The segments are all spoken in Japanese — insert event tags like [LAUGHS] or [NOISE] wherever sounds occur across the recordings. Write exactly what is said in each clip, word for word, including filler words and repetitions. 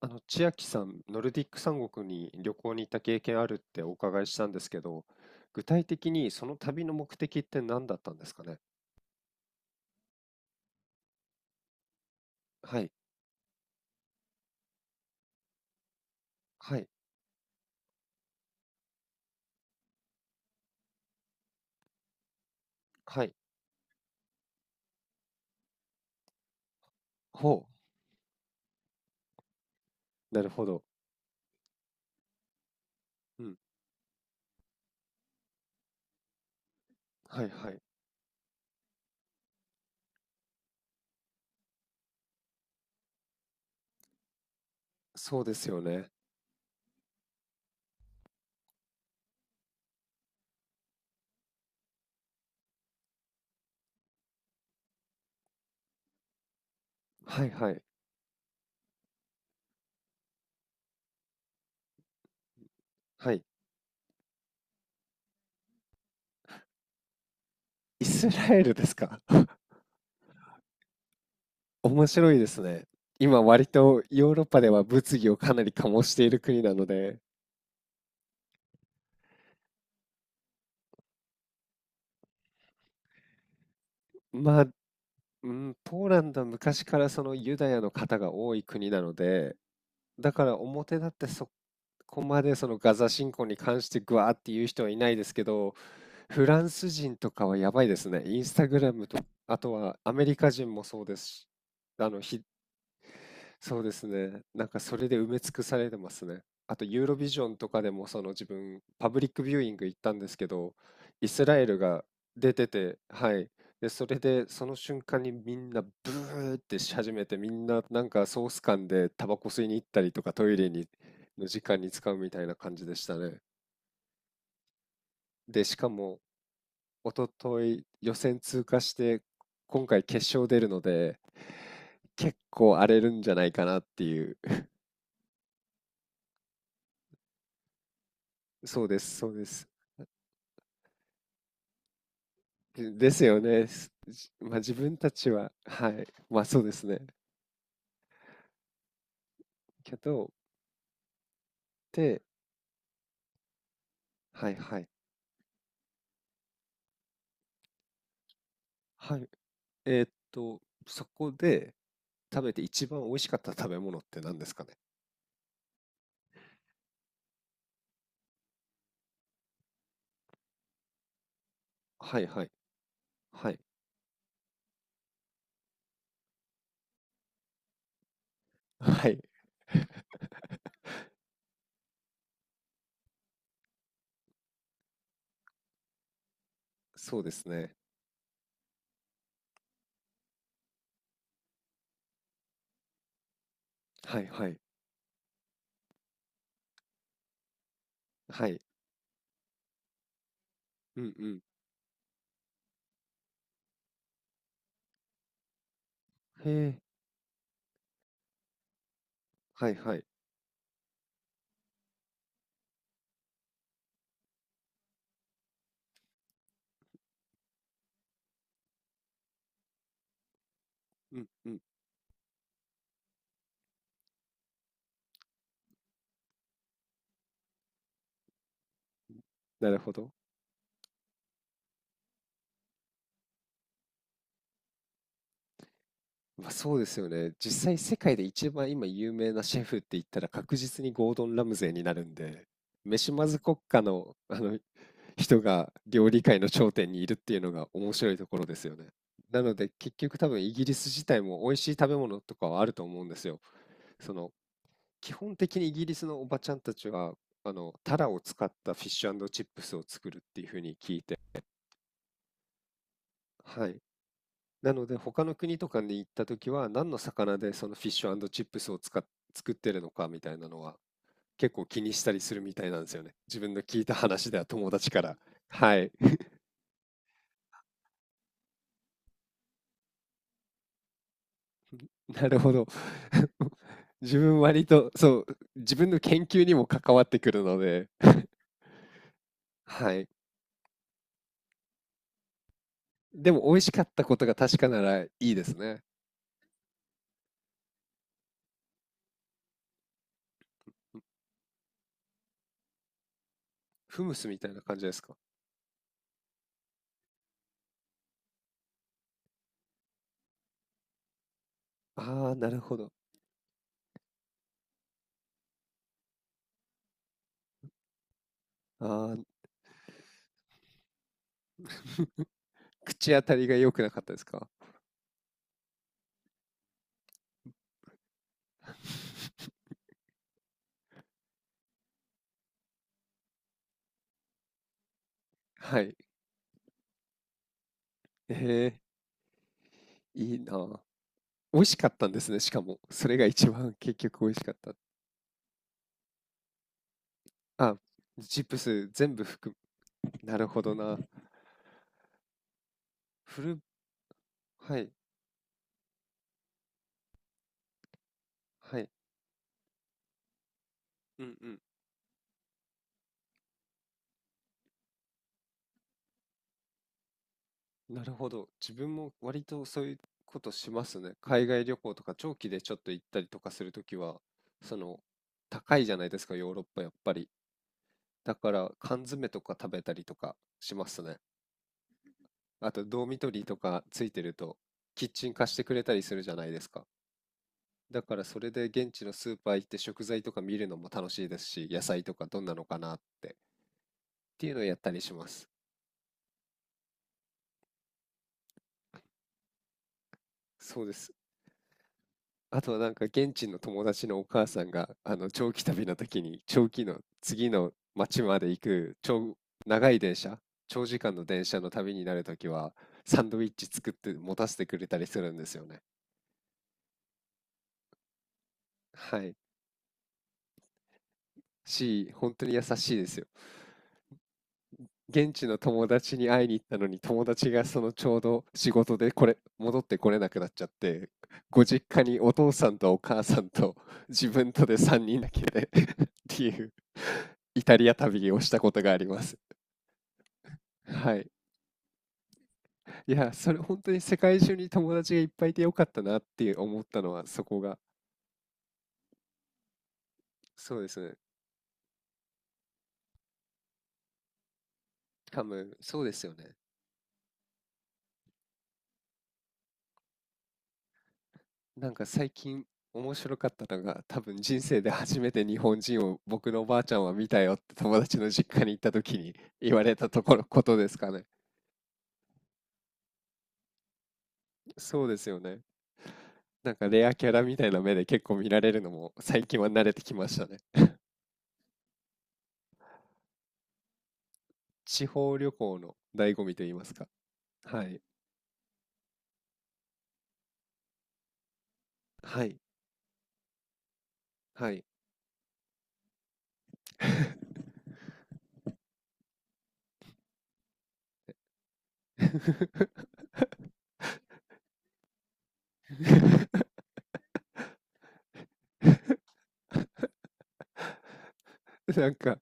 あの、千秋さん、ノルディック三国に旅行に行った経験あるってお伺いしたんですけど、具体的にその旅の目的って何だったんですかね。はい、はい、はい。ほう、なるほど。うん、はい、はい。そうですよね。はい、はい、はい。イスラエルですか？ [LAUGHS] 面白いですね。今、割とヨーロッパでは物議をかなり醸している国なので、まあ、うん、ポーランドは昔からそのユダヤの方が多い国なので、だから表立ってそこまでそのガザ侵攻に関してグワーって言う人はいないですけど、フランス人とかはやばいですね。インスタグラムと、あとはアメリカ人もそうですし、あのひそうですね。なんかそれで埋め尽くされてますね。あとユーロビジョンとかでもその自分パブリックビューイング行ったんですけど、イスラエルが出てて、はい。で、それでその瞬間にみんなブーってし始めて、みんななんかソース缶でタバコ吸いに行ったりとかトイレにの時間に使うみたいな感じでしたね。で、しかも一昨日予選通過して今回決勝出るので結構荒れるんじゃないかなっていう。[LAUGHS] そうです、そうです。でですよね。すじまあ、自分たちは、はい。まあそうですね。けど、で、はいはい。はい。えーっと、そこで食べて一番美味しかった食べ物って何ですかね。はいはい。はい。[LAUGHS] はい。そうですね。はいはい。はい。うんうん。へえ。はいはい。うんうん。なるほど。まあ、そうですよね。実際世界で一番今有名なシェフって言ったら確実にゴードン・ラムゼーになるんで、飯まず国家の、あの人が料理界の頂点にいるっていうのが面白いところですよね。なので結局多分イギリス自体も美味しい食べ物とかはあると思うんですよ。その基本的にイギリスのおばちゃんたちはあのタラを使ったフィッシュチップスを作るっていうふうに聞いて、はい。なので他の国とかに行った時は何の魚でそのフィッシュチップスを使っ作ってるのかみたいなのは結構気にしたりするみたいなんですよね。自分の聞いた話では友達から。はい、[LAUGHS] なるほど。[LAUGHS] 自分割とそう、自分の研究にも関わってくるので、はい。でも美味しかったことが確かならいいですね。フムスみたいな感じですか？ああ、なるほど。ああ、口当たりが良くなかったですか？[LAUGHS] はい。ええ、いいなあ。美味しかったんですね、しかも。それが一番結局美味しかった。あ、チップス全部含む。なるほどな。フル、はい、はい。うんうん。なるほど。自分も割とそういうことしますね。海外旅行とか長期でちょっと行ったりとかするときは、その、高いじゃないですか、ヨーロッパやっぱり。だから缶詰とか食べたりとかしますね。あと、ドーミトリーとかついてると、キッチン貸してくれたりするじゃないですか。だからそれで現地のスーパー行って食材とか見るのも楽しいですし、野菜とかどんなのかなってっていうのをやったりします。そうです。あとはなんか現地の友達のお母さんがあの長期旅の時に長期の次の町まで行く長、長い電車、長時間の電車の旅になる時はサンドイッチ作って持たせてくれたりするんですよね。はい。し、本当に優しいですよ。現地の友達に会いに行ったのに友達がそのちょうど仕事でこれ戻ってこれなくなっちゃってご実家にお父さんとお母さんと自分とでさんにんだけで [LAUGHS] っていうイタリア旅をしたことがあります。はい。いや、それ本当に世界中に友達がいっぱいいてよかったなって思ったのはそこが。そうですね。多分、そうですよね。なんか最近面白かったのが、多分人生で初めて日本人を僕のおばあちゃんは見たよって友達の実家に行った時に言われたところ、ことですかね。そうですよね。なんかレアキャラみたいな目で結構見られるのも最近は慣れてきましたね。地方旅行の醍醐味と言いますか。はい。はい。はい。[LAUGHS] [LAUGHS] なんか、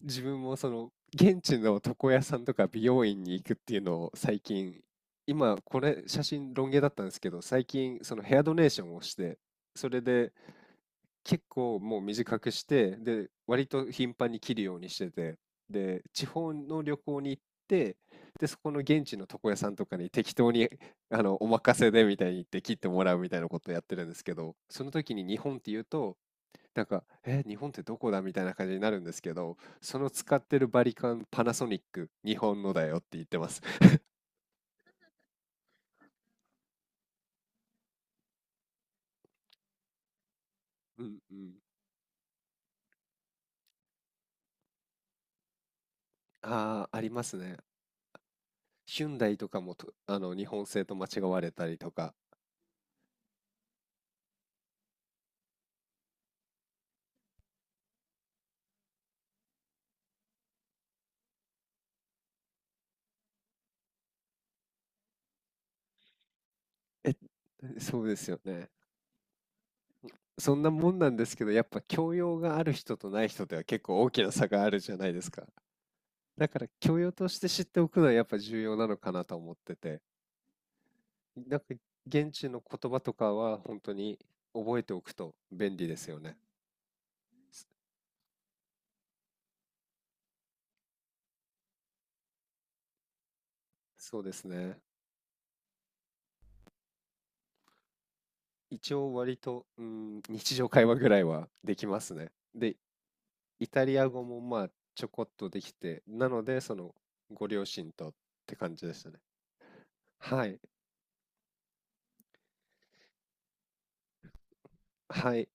自分もその、現地の床屋さんとか美容院に行くっていうのを最近、今これ写真ロン毛だったんですけど、最近そのヘアドネーションをして、それで結構もう短くして、で、割と頻繁に切るようにしてて、で、地方の旅行に行って、で、そこの現地の床屋さんとかに適当に、あの、お任せでみたいに言って切ってもらうみたいなことをやってるんですけど、その時に日本って言うと、なんか、え、日本ってどこだみたいな感じになるんですけど、その使ってるバリカン、パナソニック、日本のだよって言ってます。うんうん。ああ、ありますね。ヒュンダイとかもと、あの、日本製と間違われたりとか。え、そうですよね。そんなもんなんですけど、やっぱ教養がある人とない人では結構大きな差があるじゃないですか。だから教養として知っておくのはやっぱ重要なのかなと思ってて。なんか現地の言葉とかは本当に覚えておくと便利ですよね。そそうですね。一応割と、うん、日常会話ぐらいはできますね。で、イタリア語もまあちょこっとできて、なのでそのご両親とって感じでしたね。はい。はい。